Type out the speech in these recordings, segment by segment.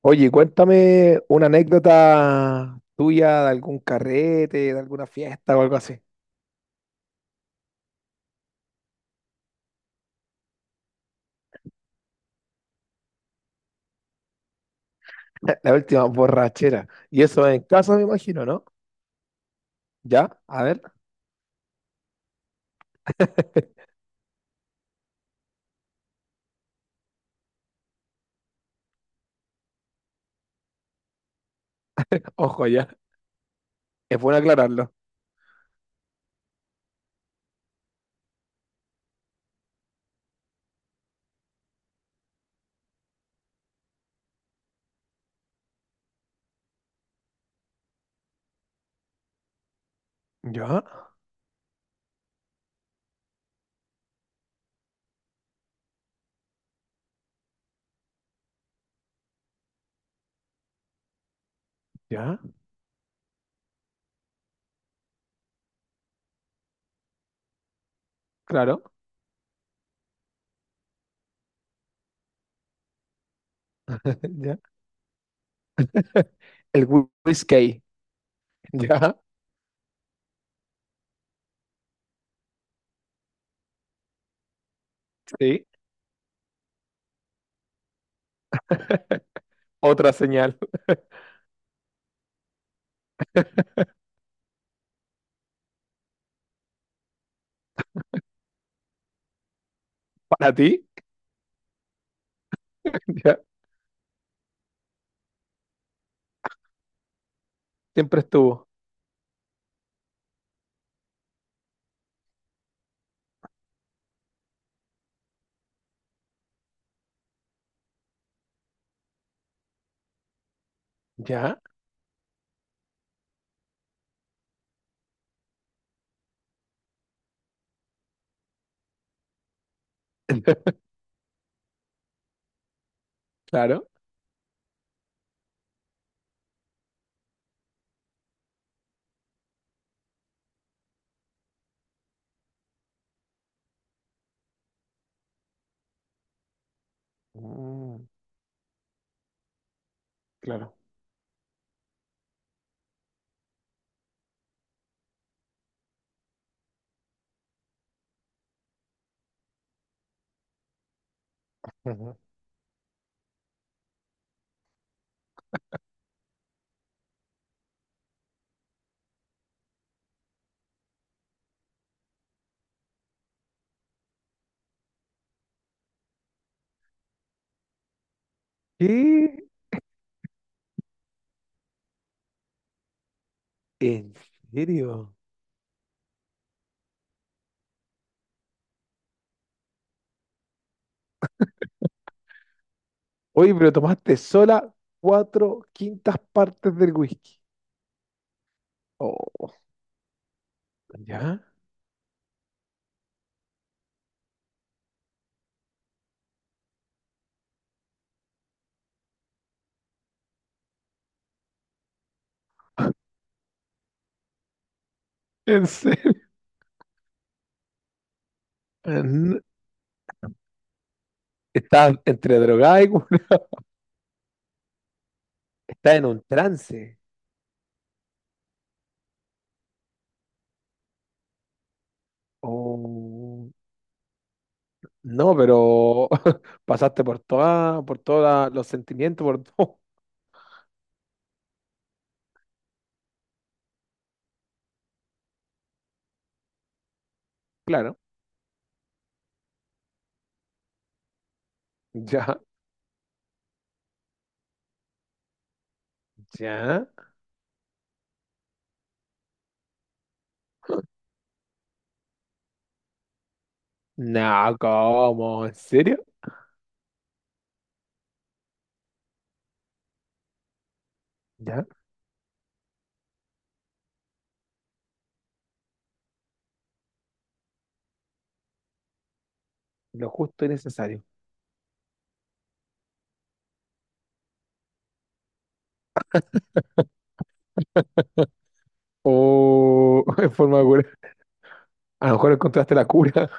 Oye, cuéntame una anécdota tuya de algún carrete, de alguna fiesta o algo así. La última borrachera. Y eso en casa, me imagino, ¿no? Ya, a ver, ojo, ya. Es bueno aclararlo. Ya, ya, claro. Ya. El whisky. Ya, sí. Otra señal. Para ti, ya. Siempre estuvo. Ya, claro. Mm, claro. Ujú. ¿Qué? ¿En serio? Oye, pero tomaste sola cuatro quintas partes del whisky. Oh, ¿ya? ¿En serio? En- Estás entre drogada estás en un trance. Oh, no, pero pasaste por toda, por todos los sentimientos, por todo. Claro. ¿Ya? ¿Ya? No, ¿cómo? ¿En serio? ¿Ya? Lo justo y necesario. O en forma de cura. A lo mejor encontraste la cura.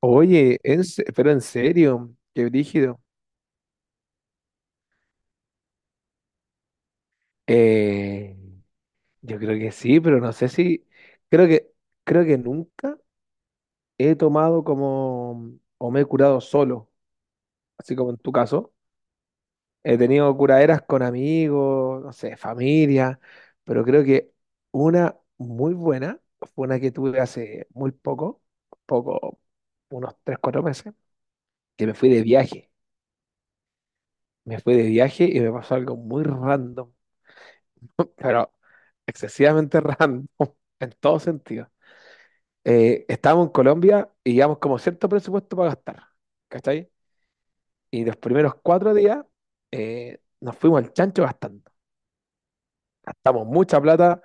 Oye, pero en serio, qué brígido. Eh, yo creo que sí, pero no sé si, creo que, creo que nunca he tomado como, o me he curado solo, así como en tu caso. He tenido curaderas con amigos, no sé, familia, pero creo que una muy buena fue una que tuve hace muy poco, poco, unos 3 4 meses, que me fui de viaje. Me fui de viaje y me pasó algo muy random. Pero excesivamente random en todo sentido. Estábamos en Colombia y llevamos como cierto presupuesto para gastar, ¿cachai? Y los primeros 4 días nos fuimos al chancho gastando. Gastamos mucha plata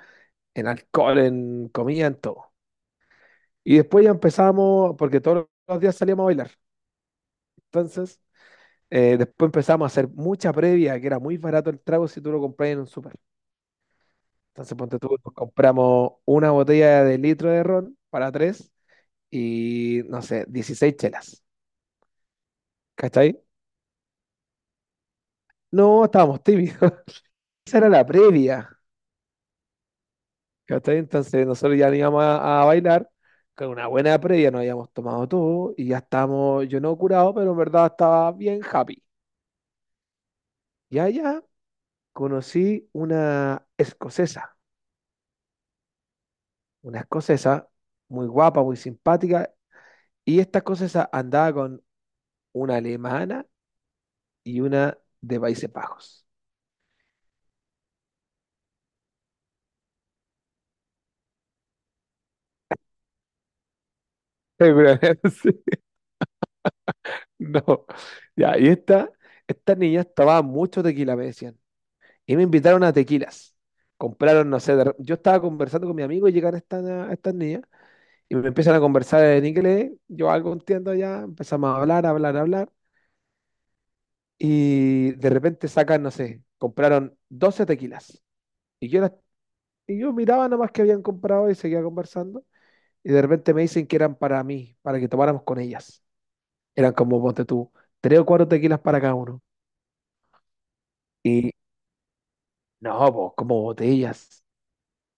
en alcohol, en comida, en todo. Y después ya empezamos, porque todos los días salíamos a bailar. Entonces, después empezamos a hacer mucha previa, que era muy barato el trago si tú lo compras en un súper. Entonces, ponte tú, nos compramos una botella de litro de ron para tres y no sé, 16 chelas, ¿cachai? No, estábamos tímidos. Esa era la previa, ¿cachai? Entonces nosotros ya no íbamos a bailar, con una buena previa nos habíamos tomado todo y ya estábamos, yo no curado, pero en verdad estaba bien happy. Y allá conocí una escocesa muy guapa, muy simpática, y esta escocesa andaba con una alemana y una de Países Bajos. Seguramente. Sí. No, ya, estas niñas tomaban mucho tequila, me decían. Y me invitaron a tequilas. Compraron, no sé, yo estaba conversando con mi amigo y llegan estas niñas y me empiezan a conversar en inglés. Yo algo entiendo ya, empezamos a hablar, a hablar, a hablar. Y de repente sacan, no sé, compraron 12 tequilas. Y yo, las- y yo miraba nomás que habían comprado y seguía conversando. Y de repente me dicen que eran para mí, para que tomáramos con ellas. Eran como, ponte tú, tres o cuatro tequilas para cada uno. No, po, como botellas,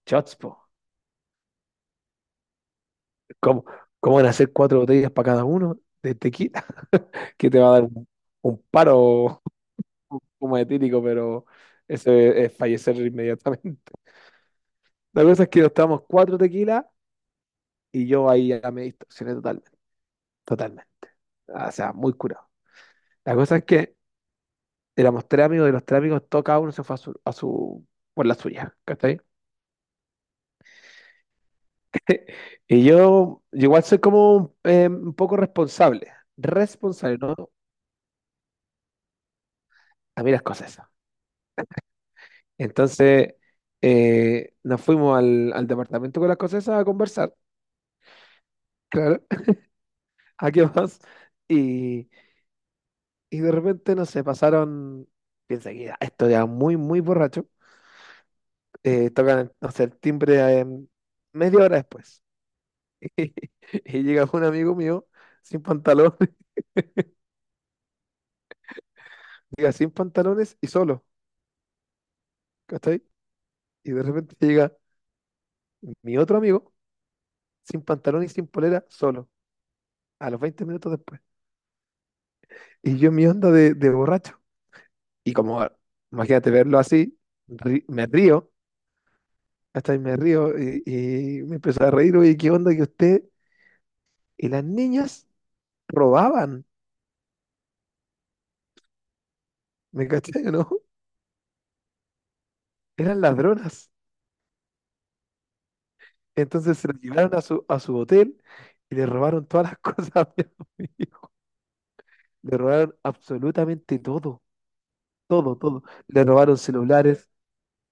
shots, po. ¿Cómo, cómo van a hacer cuatro botellas para cada uno de tequila? Que te va a dar un, paro como etílico, pero eso es fallecer inmediatamente. La cosa es que nos tomamos cuatro tequilas y yo ahí ya me distorsioné totalmente, totalmente. Ah, o sea, muy curado. La cosa es que éramos tres amigos y los tres amigos, todo cada uno se fue por la suya, ¿cachai? Y yo igual soy como un poco responsable, responsable, ¿no? A mí las cosas. Entonces nos fuimos al departamento con las cosas esas a conversar, claro, ¿a qué más? Y, y de repente, no sé, pasaron, piensa que ya, esto ya muy, muy borracho, tocan, no sé, el timbre media hora después. Y llega un amigo mío sin pantalones, llega sin pantalones y solo, ¿cachai? Y de repente llega mi otro amigo sin pantalones y sin polera, solo, a los 20 minutos después. Y yo en mi onda de borracho. Y como, imagínate verlo así, me río, hasta ahí me río y me empezó a reír, oye, ¿qué onda que usted y las niñas robaban? ¿Me cachai o no? Eran ladronas. Entonces se las llevaron a su hotel y le robaron todas las cosas a mi amigo. Le robaron absolutamente todo, todo, todo. Le robaron celulares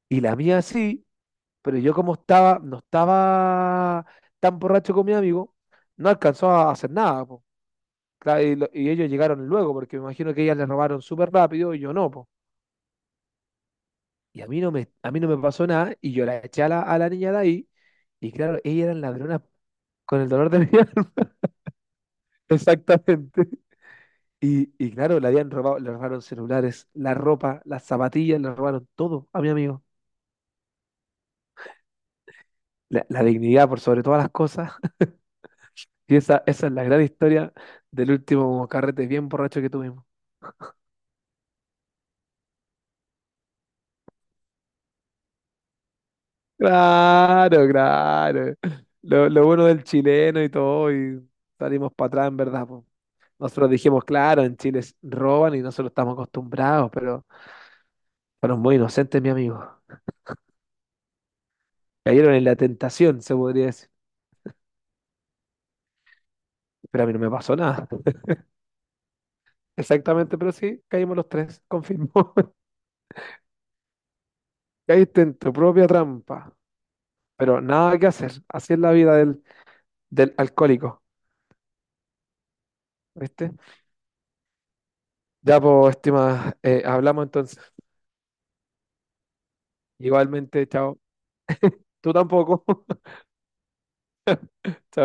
y la mía sí, pero yo como estaba, no estaba tan borracho con mi amigo, no alcanzó a hacer nada, po. Claro, y ellos llegaron luego, porque me imagino que ellas les robaron súper rápido y yo no, po. Y a mí no me pasó nada y yo la eché a la niña de ahí y claro, ellas eran ladronas con el dolor de mi alma. Exactamente. Y claro, le habían robado, le robaron celulares, la ropa, las zapatillas, le robaron todo a mi amigo. La dignidad por sobre todas las cosas. Y esa es la gran historia del último carrete bien borracho que tuvimos. Claro, claro. Lo bueno del chileno y todo, y salimos para atrás, en verdad. Po. Nosotros dijimos, claro, en Chile roban y nosotros estamos acostumbrados, pero fueron muy inocentes, mi amigo. Cayeron en la tentación, se podría decir. Pero a mí no me pasó nada. Exactamente, pero sí, caímos los tres, confirmó. Caíste en tu propia trampa. Pero nada que hacer. Así es la vida del alcohólico, ¿viste? Ya, pues, estimada, hablamos entonces. Igualmente, chao. Tú tampoco. Chao.